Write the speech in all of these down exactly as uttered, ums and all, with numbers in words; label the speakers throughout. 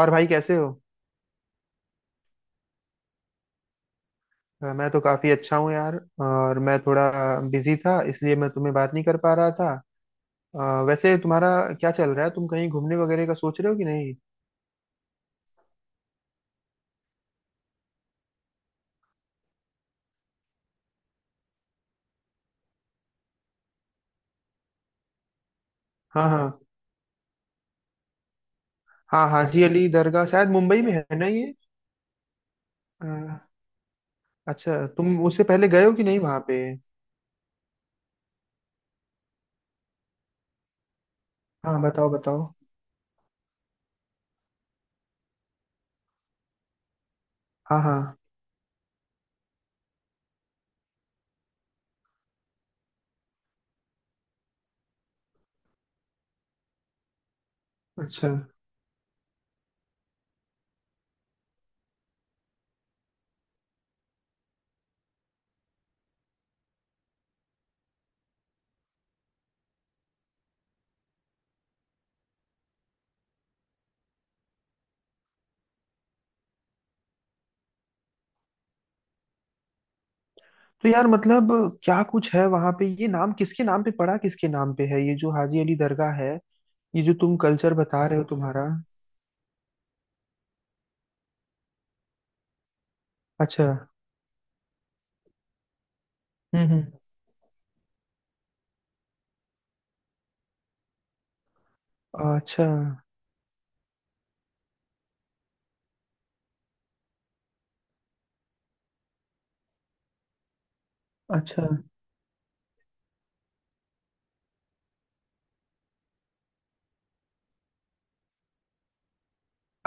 Speaker 1: और भाई कैसे हो? अ, मैं तो काफी अच्छा हूँ यार। और मैं थोड़ा बिजी था, इसलिए मैं तुम्हें बात नहीं कर पा रहा था। अ, वैसे तुम्हारा क्या चल रहा है? तुम कहीं घूमने वगैरह का सोच रहे हो कि नहीं? हाँ, हाँ। हाँ, हाजी अली दरगाह शायद मुंबई में है ना ये? अ, अच्छा, तुम उससे पहले गए हो कि नहीं वहाँ पे? हाँ, बताओ बताओ। हाँ, हाँ। अच्छा। तो यार मतलब क्या कुछ है वहाँ पे? ये नाम किसके नाम पे पड़ा, किसके नाम पे है ये जो हाजी अली दरगाह है? ये जो तुम कल्चर बता रहे हो तुम्हारा। अच्छा। हम्म, हम्म। अच्छा, अच्छा,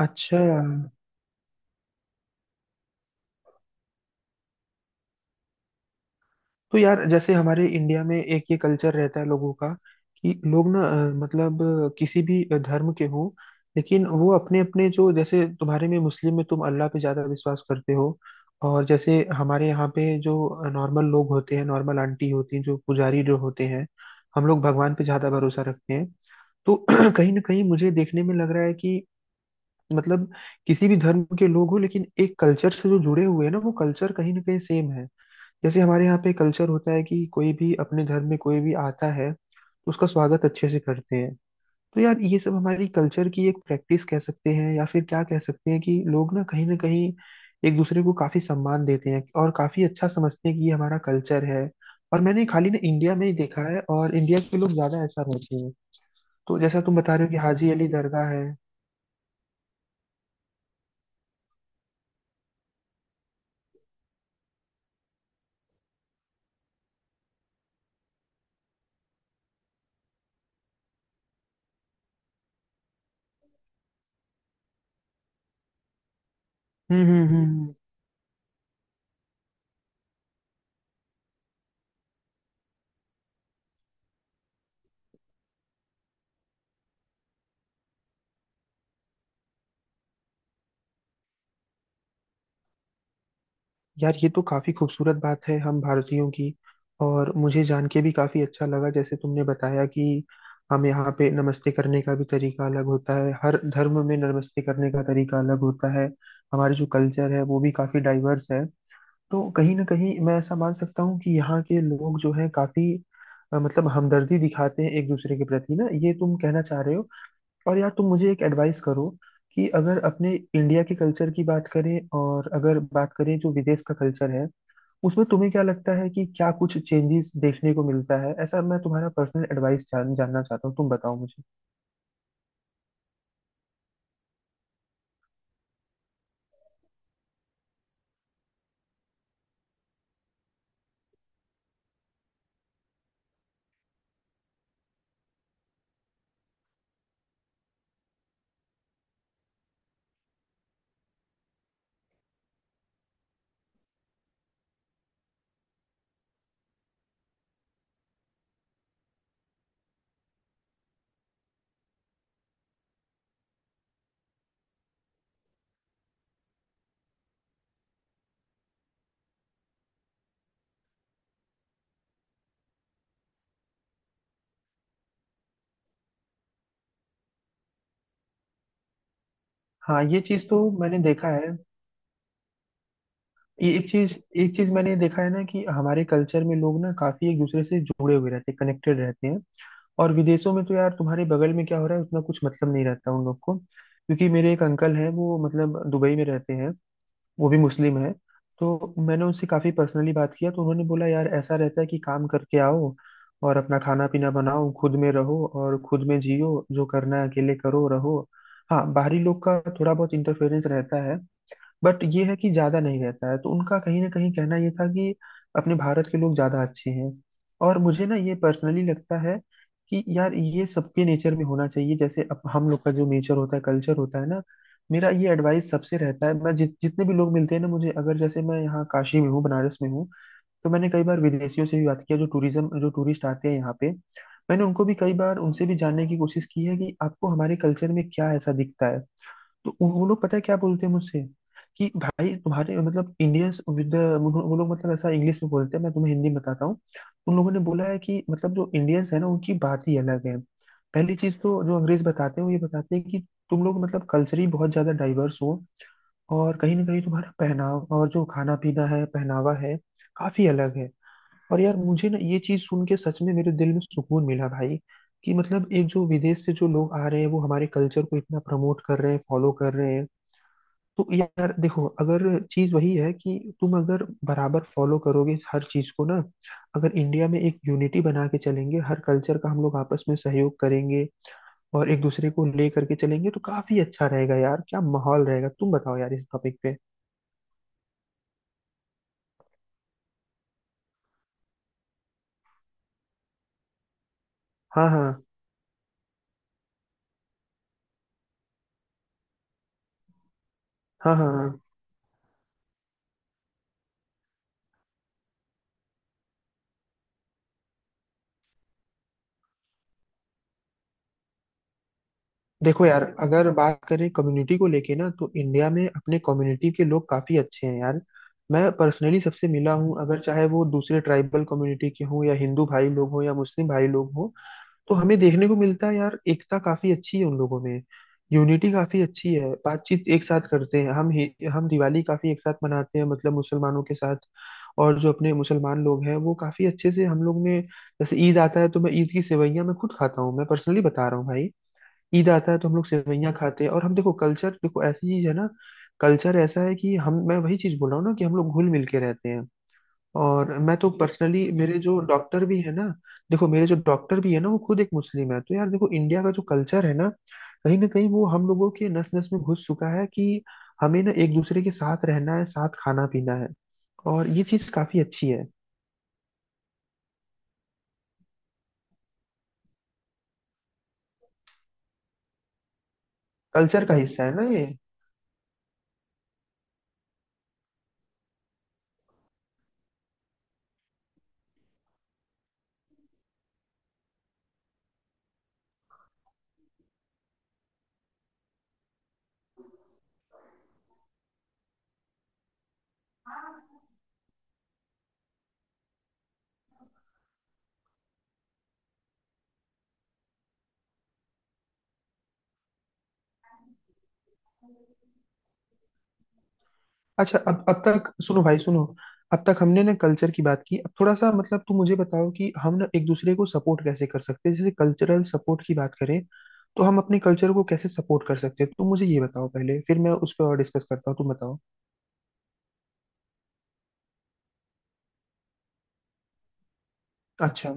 Speaker 1: अच्छा। तो यार जैसे हमारे इंडिया में एक ये कल्चर रहता है लोगों का, कि लोग ना अ, मतलब अ, किसी भी धर्म के हों, लेकिन वो अपने अपने जो जैसे तुम्हारे में मुस्लिम में तुम अल्लाह पे ज्यादा विश्वास करते हो। और जैसे हमारे यहाँ पे जो नॉर्मल लोग होते हैं, नॉर्मल आंटी होती हैं, जो पुजारी जो होते हैं, हम लोग भगवान पे ज्यादा भरोसा रखते हैं। तो कहीं ना कहीं मुझे देखने में लग रहा है कि मतलब किसी भी धर्म के लोग हो, लेकिन एक कल्चर से जो जुड़े हुए हैं ना वो कल्चर कहीं ना कहीं सेम है। जैसे हमारे यहाँ पे कल्चर होता है कि कोई भी अपने धर्म में कोई भी आता है तो उसका स्वागत अच्छे से करते हैं। तो यार ये सब हमारी कल्चर की एक प्रैक्टिस कह सकते हैं, या फिर क्या कह सकते हैं, कि लोग ना कहीं ना कहीं एक दूसरे को काफी सम्मान देते हैं और काफी अच्छा समझते हैं कि ये हमारा कल्चर है। और मैंने खाली ना इंडिया में ही देखा है और इंडिया के लोग ज्यादा ऐसा रहते हैं। तो जैसा तुम बता रहे हो कि हाजी अली दरगाह है। हम्म, हम्म, हम्म, हम्म। यार ये तो काफी खूबसूरत बात है हम भारतीयों की, और मुझे जान के भी काफी अच्छा लगा जैसे तुमने बताया कि हम यहाँ पे नमस्ते करने का भी तरीका अलग होता है, हर धर्म में नमस्ते करने का तरीका अलग होता है। हमारे जो कल्चर है वो भी काफी डाइवर्स है। तो कहीं ना कहीं मैं ऐसा मान सकता हूँ कि यहाँ के लोग जो है काफी अ, मतलब हमदर्दी दिखाते हैं एक दूसरे के प्रति ना, ये तुम कहना चाह रहे हो। और यार तुम मुझे एक एडवाइस करो कि अगर अपने इंडिया के कल्चर की बात करें और अगर बात करें जो विदेश का कल्चर है, उसमें तुम्हें क्या लगता है कि क्या कुछ चेंजेस देखने को मिलता है ऐसा? मैं तुम्हारा पर्सनल एडवाइस जान, जानना चाहता हूँ, तुम बताओ मुझे। हाँ, ये चीज तो मैंने देखा है। ये एक चीज एक चीज मैंने देखा है ना कि हमारे कल्चर में लोग ना काफी एक दूसरे से जुड़े हुए रहते हैं, कनेक्टेड रहते हैं। और विदेशों में तो यार तुम्हारे बगल में क्या हो रहा है उतना कुछ मतलब नहीं रहता उन लोग को, क्योंकि मेरे एक अंकल हैं वो मतलब दुबई में रहते हैं। वो भी मुस्लिम है। तो मैंने उनसे काफी पर्सनली बात किया, तो उन्होंने बोला यार ऐसा रहता है कि काम करके आओ और अपना खाना पीना बनाओ, खुद में रहो और खुद में जियो, जो करना है अकेले करो रहो। हाँ, बाहरी लोग का थोड़ा बहुत इंटरफेरेंस रहता है, बट ये है कि ज्यादा नहीं रहता है, तो उनका कहीं ना कहीं कहना ये था कि अपने भारत के लोग ज्यादा अच्छे हैं। और मुझे ना ये पर्सनली लगता है कि यार ये सबके नेचर में होना चाहिए, जैसे अब हम लोग का जो नेचर होता है कल्चर होता है ना। मेरा ये एडवाइस सबसे रहता है, मैं जित जितने भी लोग मिलते हैं ना मुझे, अगर जैसे मैं यहाँ काशी में हूँ, बनारस में हूँ। तो मैंने कई बार विदेशियों से भी बात किया जो टूरिज्म जो टूरिस्ट आते हैं यहाँ पे। मैंने उनको भी कई बार उनसे भी जानने की कोशिश की है कि आपको हमारे कल्चर में क्या ऐसा दिखता है? तो उन- वो लोग पता है क्या बोलते हैं मुझसे? कि भाई तुम्हारे मतलब इंडियंस विद, वो लोग मतलब ऐसा इंग्लिश में बोलते हैं, मैं तुम्हें हिंदी में बताता हूँ। उन लोगों ने बोला है कि मतलब जो इंडियंस है ना उनकी बात ही अलग है। पहली चीज तो जो अंग्रेज बताते हैं वो ये बताते हैं कि तुम लोग मतलब कल्चरली बहुत ज्यादा डाइवर्स हो, और कहीं ना कहीं तुम्हारा पहनाव और जो खाना पीना है पहनावा है काफी अलग है। और यार मुझे ना ये चीज सुन के सच में मेरे दिल में सुकून मिला भाई, कि मतलब एक जो विदेश से जो लोग आ रहे हैं वो हमारे कल्चर को इतना प्रमोट कर रहे हैं, फॉलो कर रहे हैं। तो यार देखो, अगर चीज वही है कि तुम अगर बराबर फॉलो करोगे इस हर चीज को ना, अगर इंडिया में एक यूनिटी बना के चलेंगे, हर कल्चर का हम लोग आपस में सहयोग करेंगे और एक दूसरे को ले करके चलेंगे, तो काफी अच्छा रहेगा यार, क्या माहौल रहेगा! तुम बताओ यार इस टॉपिक पे। हाँ, हाँ, हाँ, हाँ, हाँ। देखो यार, अगर बात करें कम्युनिटी को लेके ना, तो इंडिया में अपने कम्युनिटी के लोग काफी अच्छे हैं यार। मैं पर्सनली सबसे मिला हूँ, अगर चाहे वो दूसरे ट्राइबल कम्युनिटी के हों, या हिंदू भाई लोग हों, या मुस्लिम भाई लोग हों। तो हमें देखने को मिलता है यार, एकता काफी अच्छी है उन लोगों में। यूनिटी काफी अच्छी है, बातचीत एक साथ करते हैं, हम ही- हम दिवाली काफी एक साथ मनाते हैं मतलब मुसलमानों के साथ। और जो अपने मुसलमान लोग हैं वो काफी अच्छे से हम लोग में। जैसे ईद आता है तो मैं ईद की सेवइयां मैं खुद खाता हूँ, मैं पर्सनली बता रहा हूँ भाई। ईद आता है तो हम लोग सेवइयाँ खाते हैं, और हम देखो कल्चर देखो ऐसी चीज है ना। कल्चर ऐसा है कि हम, मैं वही चीज बोल रहा हूँ ना कि हम लोग घुल मिल के रहते हैं। और मैं तो पर्सनली मेरे जो डॉक्टर भी है ना, देखो मेरे जो डॉक्टर भी है ना वो खुद एक मुस्लिम है, तो यार देखो इंडिया का जो कल्चर है ना, कहीं ना कहीं वो हम लोगों के नस नस में घुस चुका है कि हमें ना एक दूसरे के साथ रहना है, साथ खाना पीना है। और ये चीज काफी अच्छी है। कल्चर का हिस्सा है ना ये? अच्छा। अब अब तक सुनो भाई, सुनो। अब तक हमने ना कल्चर की बात की, अब थोड़ा सा मतलब तुम मुझे बताओ कि हम ना एक दूसरे को सपोर्ट कैसे कर सकते हैं, जैसे कल्चरल सपोर्ट की बात करें, तो हम अपने कल्चर को कैसे सपोर्ट कर सकते हैं? तुम मुझे ये बताओ पहले, फिर मैं उस पर और डिस्कस करता हूँ, तुम बताओ। अच्छा।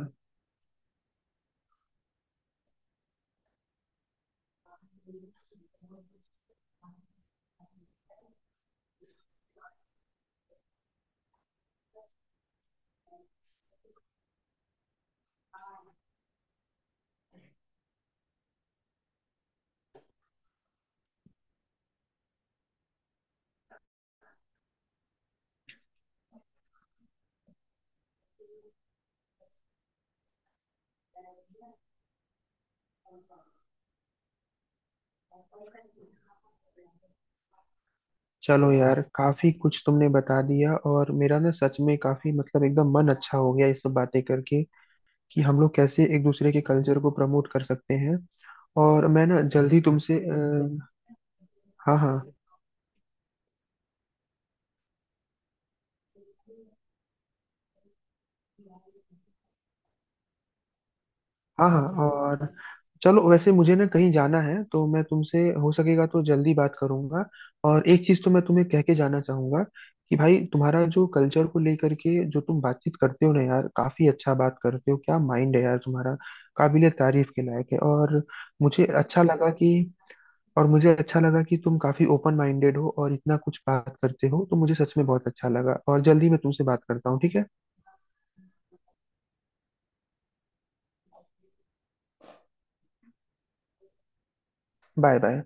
Speaker 1: चलो यार, काफी कुछ तुमने बता दिया और मेरा ना सच में काफी मतलब एकदम मन अच्छा हो गया ये सब बातें करके, कि हम लोग कैसे एक दूसरे के कल्चर को प्रमोट कर सकते हैं। और मैं ना जल्दी तुमसे अ, हाँ, हाँ, हाँ, हाँ। और चलो, वैसे मुझे ना कहीं जाना है तो मैं तुमसे, हो सकेगा तो जल्दी बात करूंगा। और एक चीज तो मैं तुम्हें कह के जाना चाहूंगा कि भाई, तुम्हारा जो कल्चर को लेकर के जो तुम बातचीत करते हो ना यार, काफी अच्छा बात करते हो, क्या माइंड है यार तुम्हारा! काबिलियत तारीफ के लायक है, और मुझे अच्छा लगा कि और मुझे अच्छा लगा कि तुम काफी ओपन माइंडेड हो और इतना कुछ बात करते हो, तो मुझे सच में बहुत अच्छा लगा, और जल्दी मैं तुमसे बात करता हूँ, ठीक है? Bye, bye.